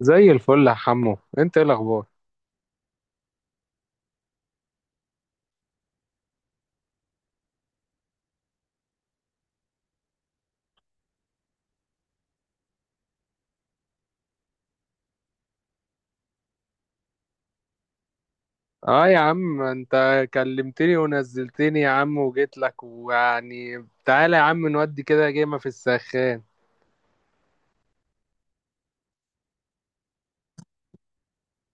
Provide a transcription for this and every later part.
زي الفل يا حمو، انت ايه الاخبار؟ اه يا عم انت كلمتني ونزلتني يا عم، وجيت لك. ويعني تعالى يا عم نودي كده جيمة في السخان.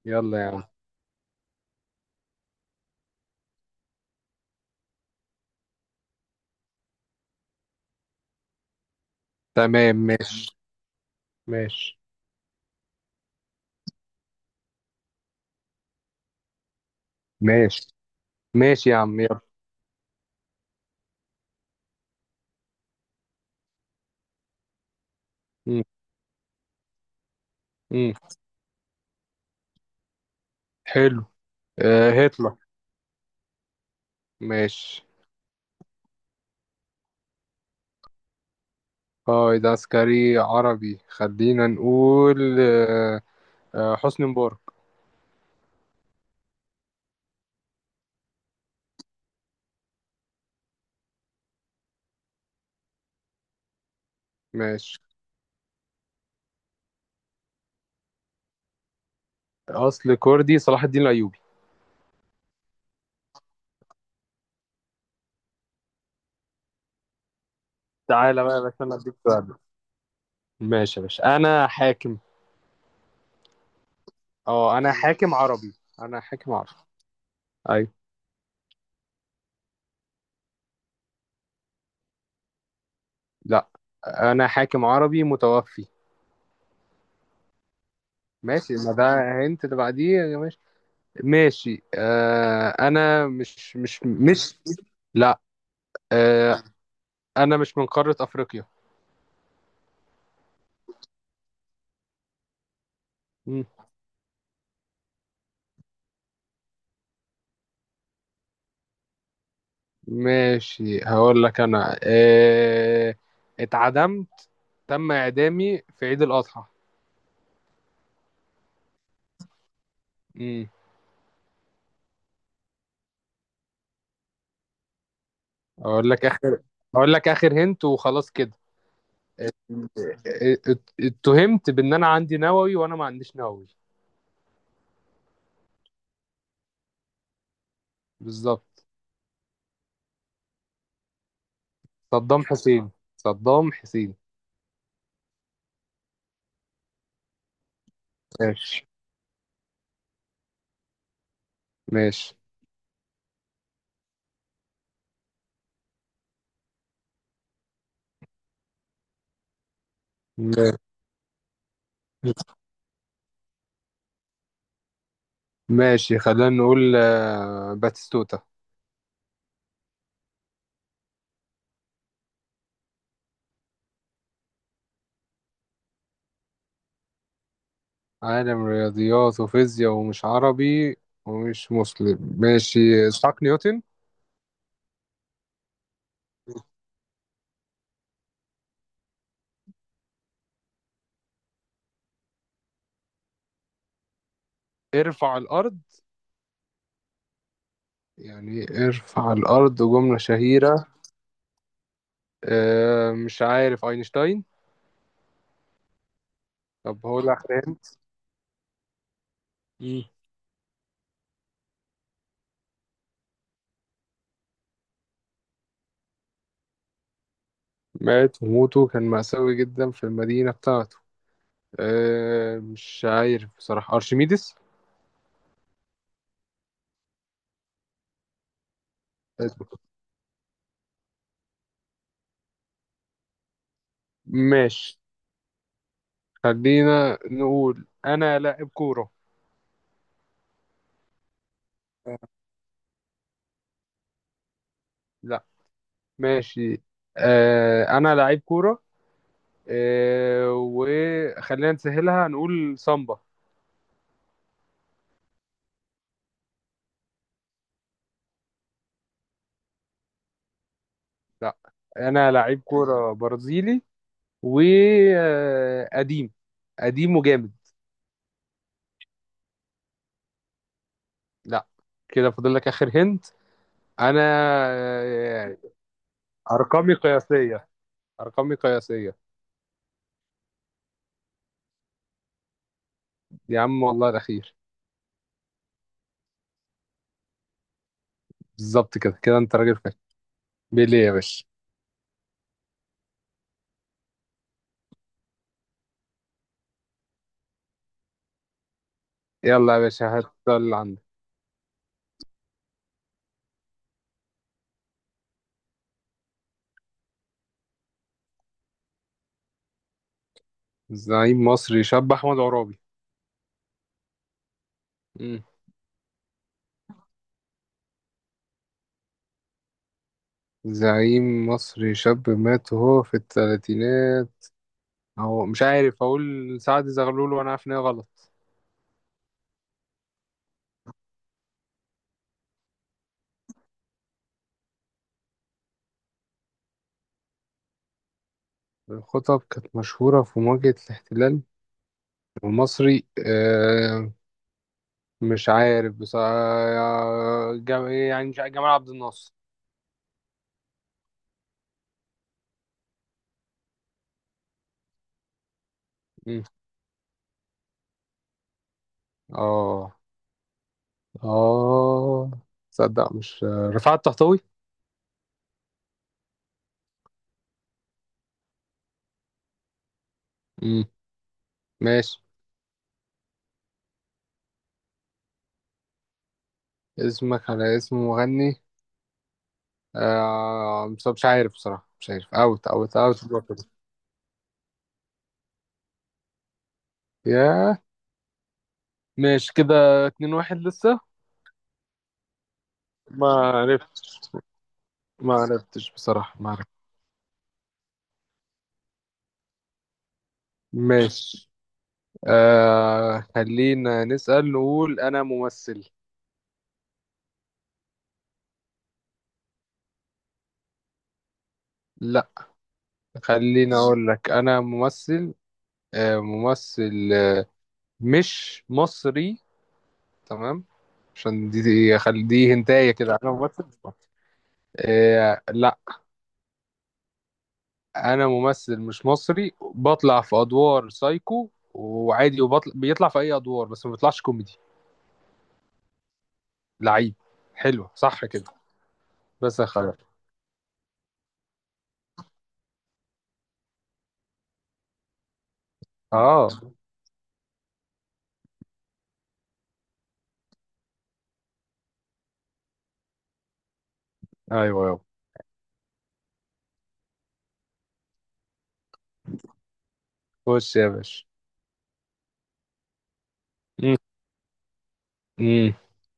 يلا يا عم. تمام، ماشي ماشي ماشي ماشي يا عم، يلا. مم. مم. حلو. هتلر. ماشي. اه، ده عسكري عربي، خلينا نقول. حسني مبارك. ماشي. اصل كردي، صلاح الدين الايوبي. تعالى بقى يا باشا، انا اديك سؤال. ماشي يا باشا، انا حاكم. اه، انا حاكم عربي، انا حاكم عربي. ايوه. لا، انا حاكم عربي متوفي. ماشي، ما ده هنت اللي بعديه. ماشي. ماشي انا مش. لا. آه انا مش من قارة افريقيا. مم. ماشي، هقول لك. انا اتعدمت، تم اعدامي في عيد الاضحى. مم. اقول لك اخر اقول لك اخر هنت وخلاص كده. ات- اتهمت بان انا عندي نووي، وانا ما عنديش نووي. بالظبط. صدام حسين، صدام حسين. ماشي ماشي ماشي ماشي. خلينا نقول باتيستوتا. عالم رياضيات وفيزياء ومش عربي ومش مسلم، ماشي. إسحاق نيوتن. ارفع الأرض؟ يعني إيه ارفع الأرض، جملة شهيرة؟ مش عارف، أينشتاين. طب هو الأخراني. مات وموته كان مأساوي جدا في المدينة بتاعته. أه، مش عارف بصراحة، أرشميدس. ماشي، خلينا نقول انا لاعب كورة. آه، لا. ماشي. انا لعيب كورة. وخلينا نسهلها، نقول سامبا. لا، انا لعيب كورة برازيلي وقديم، قديم وجامد. لا. كده فاضل لك اخر هنت. انا آه، ارقامي قياسية، ارقامي قياسية. يا عم والله الاخير. بالظبط، كده كده انت راجل فاهم. بيليه يا باشا. يلا يا باشا، هات اللي عندك. زعيم مصري شاب، أحمد عرابي. مم. زعيم مصري شاب مات وهو في الثلاثينات. هو مش عارف، أقول سعد زغلول وأنا عارف إن هي غلط. الخطب كانت مشهورة في مواجهة الاحتلال المصري. مش عارف بس يعني مش عارف، جمال عبد الناصر. مم. اه اه تصدق مش رفعت الطهطاوي؟ مم. ماشي. اسمك على اسم مغني؟ مش عارف بصراحة، مش عارف. اوت اوت اوت. ياه. ماشي كده، اتنين واحد لسه. ما عرفتش، ما عرفتش بصراحة، ما عرفتش. ماشي. خلينا نسأل، نقول أنا ممثل. لا. خلينا أقول لك أنا ممثل، ممثل مش مصري. تمام. عشان دي هنتايه كده، أنا ممثل مش مصري. لا. انا ممثل مش مصري، بطلع في ادوار سايكو وعادي، بيطلع في اي ادوار بس ما بيطلعش كوميدي. لعيب. حلو، صح كده. بس يا خلاص. اه. ايوه يابا. خش يا باشا. مم. مم.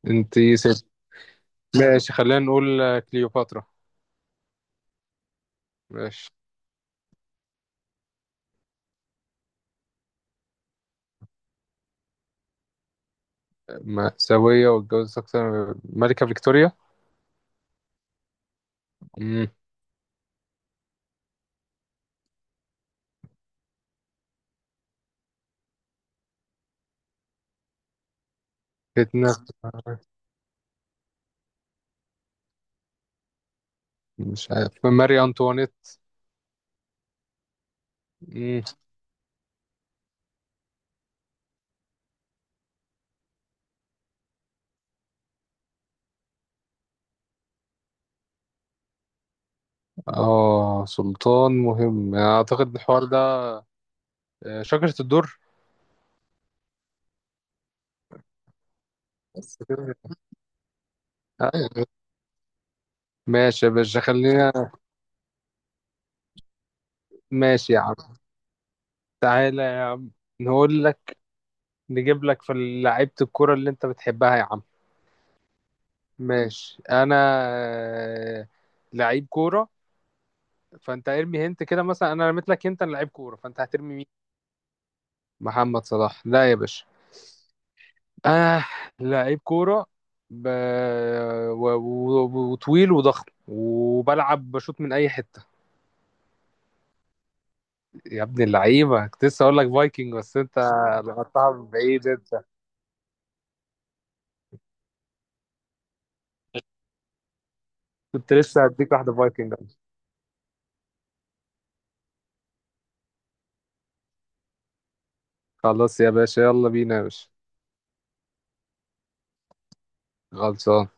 انت ست؟ ماشي، خلينا نقول كليوباترا. ماشي. مأساوية واتجوزت أكتر. ملكة فيكتوريا. مم. فتنة. مش عارف، ماري أنطوانيت. مم. اه، سلطان مهم أعتقد، الحوار ده. شجرة الدر. بس كده. أيوة. ماشي يا باشا خلينا. ماشي يا عم، تعالى يا عم، نقول لك، نجيب لك في لعيبة الكورة اللي انت بتحبها يا عم. ماشي، انا آه، لعيب كورة. فانت ارمي هنت كده، مثلا انا رميت لك هنت أنا لعيب كورة، فانت هترمي مين؟ محمد صلاح؟ لا يا باشا. آه لعيب كورة، ب... وطويل وضخم وبلعب بشوط من اي حتة. يا ابن اللعيبة، كنت لسه اقول لك فايكنج بس انت لقطتها من بعيد. انت كنت لسه هديك واحدة فايكنج. خلاص يا باشا، يلا بينا يا باشا. خلصان.